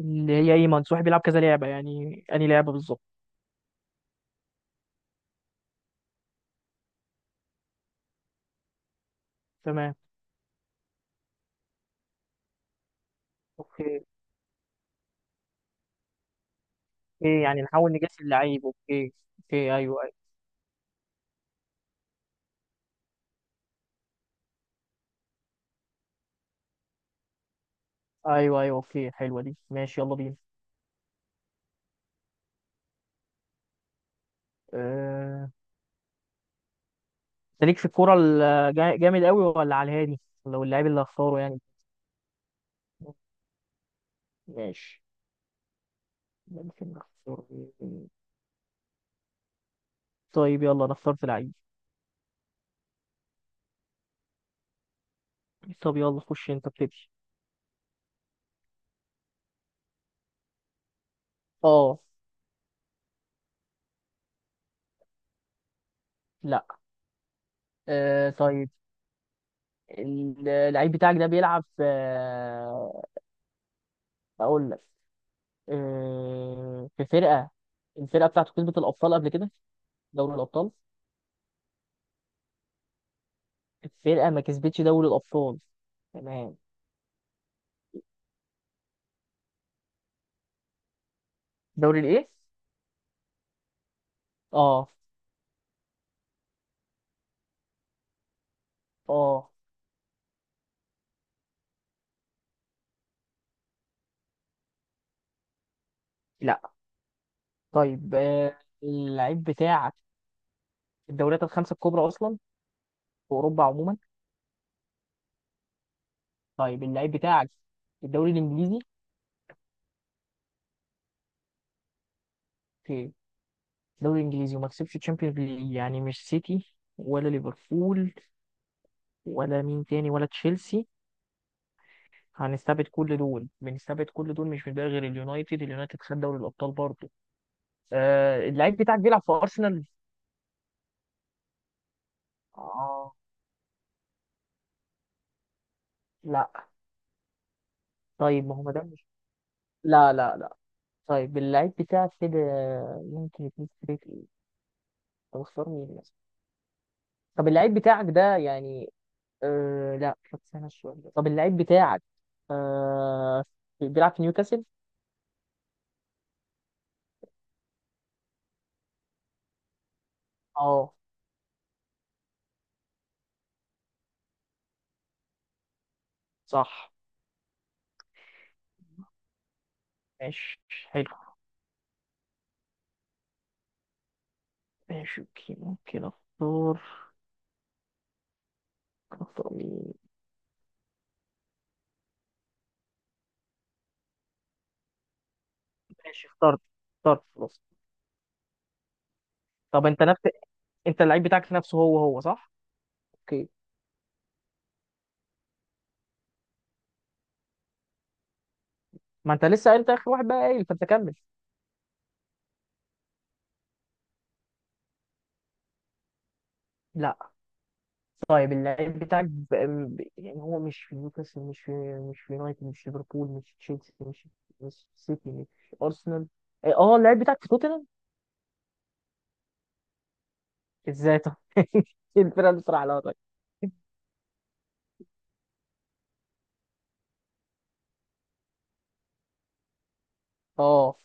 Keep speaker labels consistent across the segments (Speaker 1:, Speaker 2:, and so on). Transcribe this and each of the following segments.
Speaker 1: اللي هي ايه منصوحي بيلعب كذا لعبة، يعني أنهي لعبة بالظبط؟ تمام. اوكي اوكي يعني نحاول نجس اللعيب، اوكي. اوكي، ايوه، ايوه، ايوه، ايوه. اوكي، حلوة دي، ماشي يلا بينا. أه... انت ليك في الكورة جامد قوي ولا على الهادي؟ لو اللعيب اللي هختاره يعني. ماشي. ممكن نختار مين؟ طيب يلا، انا اخترت لعيب. طب يلا، خش انت ابتدي. اه. لا. طيب. اللعيب بتاعك ده بيلعب في، اقول لك، في فرقة. الفرقة بتاعته كسبت الأبطال قبل كده؟ دوري الأبطال. الفرقة ما كسبتش دوري الأبطال. تمام. دوري الايه؟ اه. اه. لا. طيب. اللعيب بتاعك في الدوريات الخمسة الكبرى أصلا؟ في أوروبا عموما. طيب اللعيب بتاعك في الدوري الإنجليزي؟ في الدوري الإنجليزي وما كسبش تشامبيونز ليج، يعني مش سيتي ولا ليفربول ولا مين تاني ولا تشيلسي. هنستبعد كل دول، بنستبعد كل دول، مش بنبقى غير اليونايتد. اليونايتد خد دوري الابطال برضه. اللعيب بتاعك بيلعب في ارسنال؟ اه. لا. طيب ما هو، ما ده مش لا لا لا. طيب اللعيب بتاعك كده ممكن يكون فريق ايه؟ طب اختار مين مثلا؟ طب اللعيب بتاعك ده يعني، لا، طب استنى شويه. طب اللعيب بتاعك، آه بيلعب في نيوكاسل؟ اه. صح. ماشي. حلو. ماشي، اوكي. ممكن اختار مين؟ ماشي، اخترت خلاص. طب انت نفس انت اللعيب بتاعك نفسه، هو هو صح؟ اوكي. ما انت لسه قايل، انت اخر واحد بقى قايل، فانت كمل. لا. طيب اللعيب بتاعك يعني هو مش في نيوكاسل، مش في، مش في يونايتد، مش في ليفربول، مش في تشيلسي، مش في سيتي، مش في ارسنال. إيه، اه اللعيب بتاعك في توتنهام؟ ازاي طب. إيه الفرقه اللي بتروح عليها طيب؟ اه،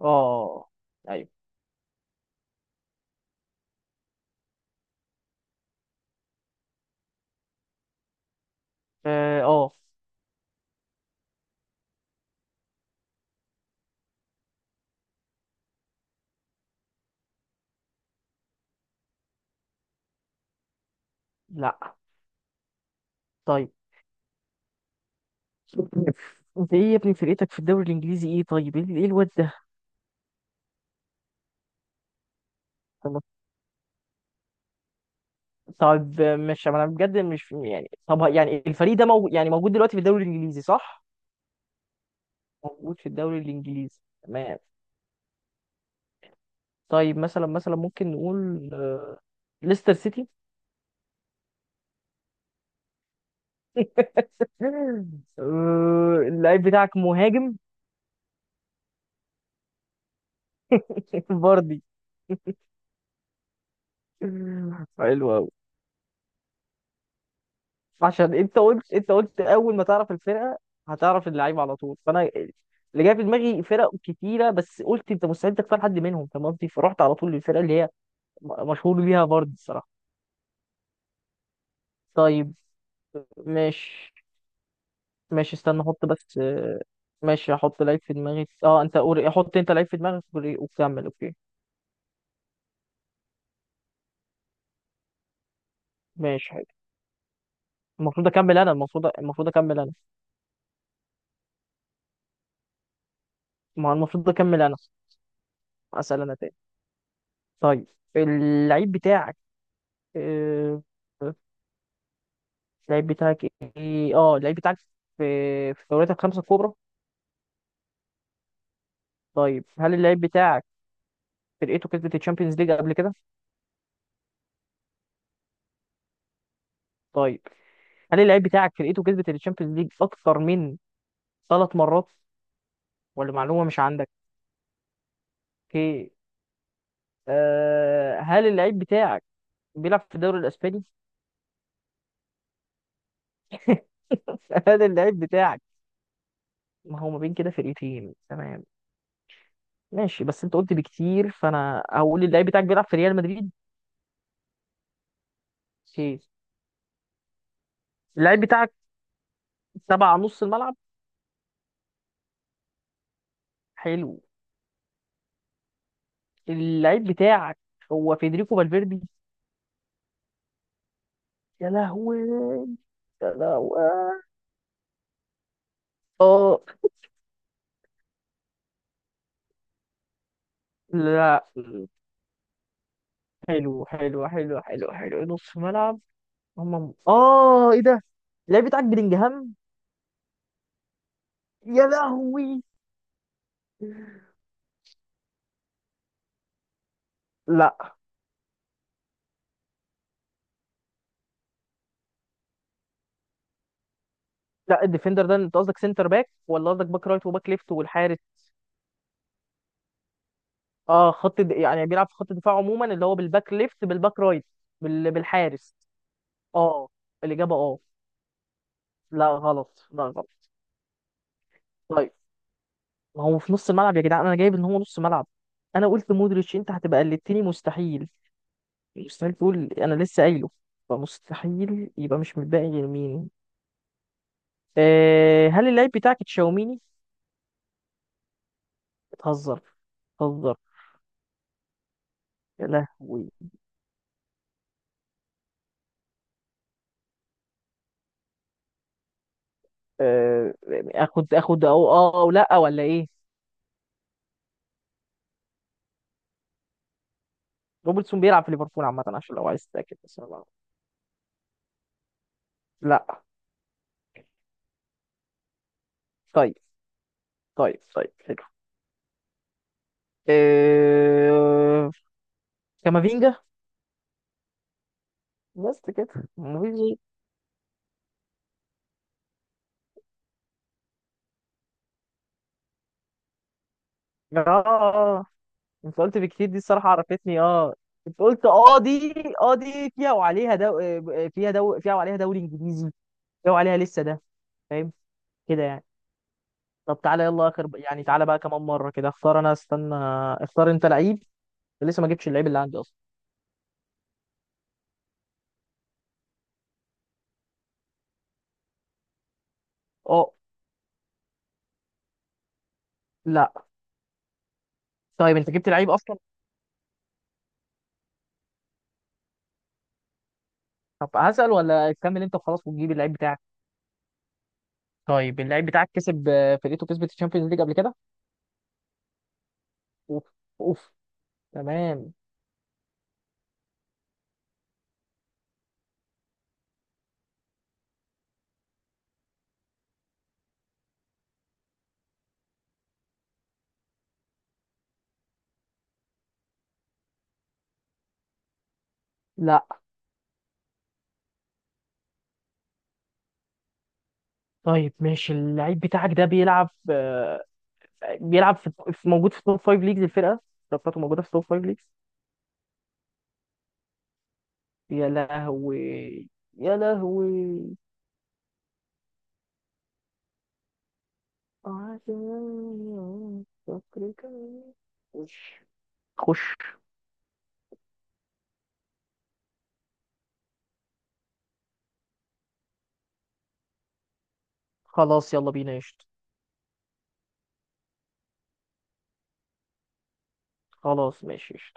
Speaker 1: اه، ايوه، اه. آه. لا. طيب. انت ايه يا ابني، فرقتك في الدوري الانجليزي ايه طيب، ايه، إيه الواد ده؟ طب مش، ما انا بجد مش يعني، طب يعني الفريق ده موجود، يعني موجود دلوقتي في الدوري الانجليزي صح؟ موجود في الدوري الانجليزي، تمام. طيب مثلا، مثلا ممكن نقول ليستر سيتي. اللعيب بتاعك مهاجم؟ فاردي. حلو قوي. عشان انت قلت، اول ما تعرف الفرقه هتعرف اللعيب على طول، فانا اللي جاي في دماغي فرق كتيره، بس قلت انت مستحيل تختار حد منهم، فاهم قصدي، فرحت على طول للفرقه اللي هي مشهور بيها فاردي الصراحه. طيب ماشي. ماشي، استنى احط بس، ماشي احط لعيب في دماغي، اه انت قول، احط انت لعيب في دماغك وكمل، اوكي. ماشي حلو. المفروض اكمل انا، المفروض اكمل انا. ما هو المفروض اكمل انا. اسال انا تاني. طيب اللعيب بتاعك، آه، اللعيب بتاعك، ايه اه اللعيب بتاعك في الدوريات الخمسة الكبرى. طيب هل اللعيب بتاعك فرقته كسبت الشامبيونز ليج قبل كده؟ طيب هل اللعيب بتاعك فرقته كسبت الشامبيونز ليج اكتر من ثلاث مرات؟ ولا معلومة مش عندك. اوكي. هل اللعيب بتاعك بيلعب في الدوري الاسباني؟ هل اللعيب بتاعك، ما هو ما بين كده فرقتين، تمام. ماشي، بس انت قلت بكتير، فانا هقول اللعيب بتاعك بيلعب في ريال مدريد. اوكي. اللعيب بتاعك تبع نص الملعب. حلو. اللعيب بتاعك هو فيدريكو فالفيردي. يا لهوي. يا لهوي. اه. لا. حلو حلو حلو حلو حلو، نص ملعب. هم اه ايه ده، اللعيب بتاعك بلينجهام؟ يا لهوي. لا. لا، الديفندر ده انت قصدك سنتر باك، ولا قصدك باك رايت وباك ليفت والحارس؟ اه، يعني بيلعب في خط الدفاع عموما، اللي هو بالباك ليفت، بالباك رايت، بالحارس. اه. الاجابه اه. لا غلط، لا غلط. طيب. ما هو في نص الملعب يا جدعان، انا جايب ان هو نص ملعب. انا قلت مودريتش، انت هتبقى قلدتني، مستحيل، مستحيل تقول، انا لسه قايله. فمستحيل يبقى مش متبقي غير مين؟ هل اللعيب بتاعك تشاوميني؟ بتهزر، بتهزر. يا لهوي. آه، اخد او او لا، ولا ايه؟ روبرتسون بيلعب في ليفربول عامه، عشان لو عايز تتاكد، بس أنا بعرف. لا. طيب طيب حلو. آه، كامافينجا. بس كده، مفيش غير- اه انت قلت بكتير، دي الصراحه عرفتني. اه انت قلت، اه دي فيها وعليها دو... آه، فيها دو... فيها وعليها دوري انجليزي، فيها وعليها لسه ده. فاهم كده يعني؟ طب تعالى يلا اخر، يعني تعالى بقى كمان مره كده. اختار انا، استنى، اختار انت لعيب. لسه ما جبتش اللعيب اللي عندي اصلا. اه. لا. طيب انت جبت لعيب اصلا؟ طب هسأل ولا تكمل انت وخلاص وتجيب اللعيب بتاعك؟ طيب اللعيب بتاعك كسب، فرقته كسبت الشامبيونز ليج قبل كده؟ اوف. اوف. تمام. لا. طيب ماشي اللعيب بتاعك ده بيلعب، بيلعب موجود في توب فايف ليجز. الفرقه بتاعته موجوده في توب فايف ليجز. يا لهوي. يا لهوي. عشان فكرك مش، خش. خلاص يلا بينا قشطة. خلاص ماشي قشطة.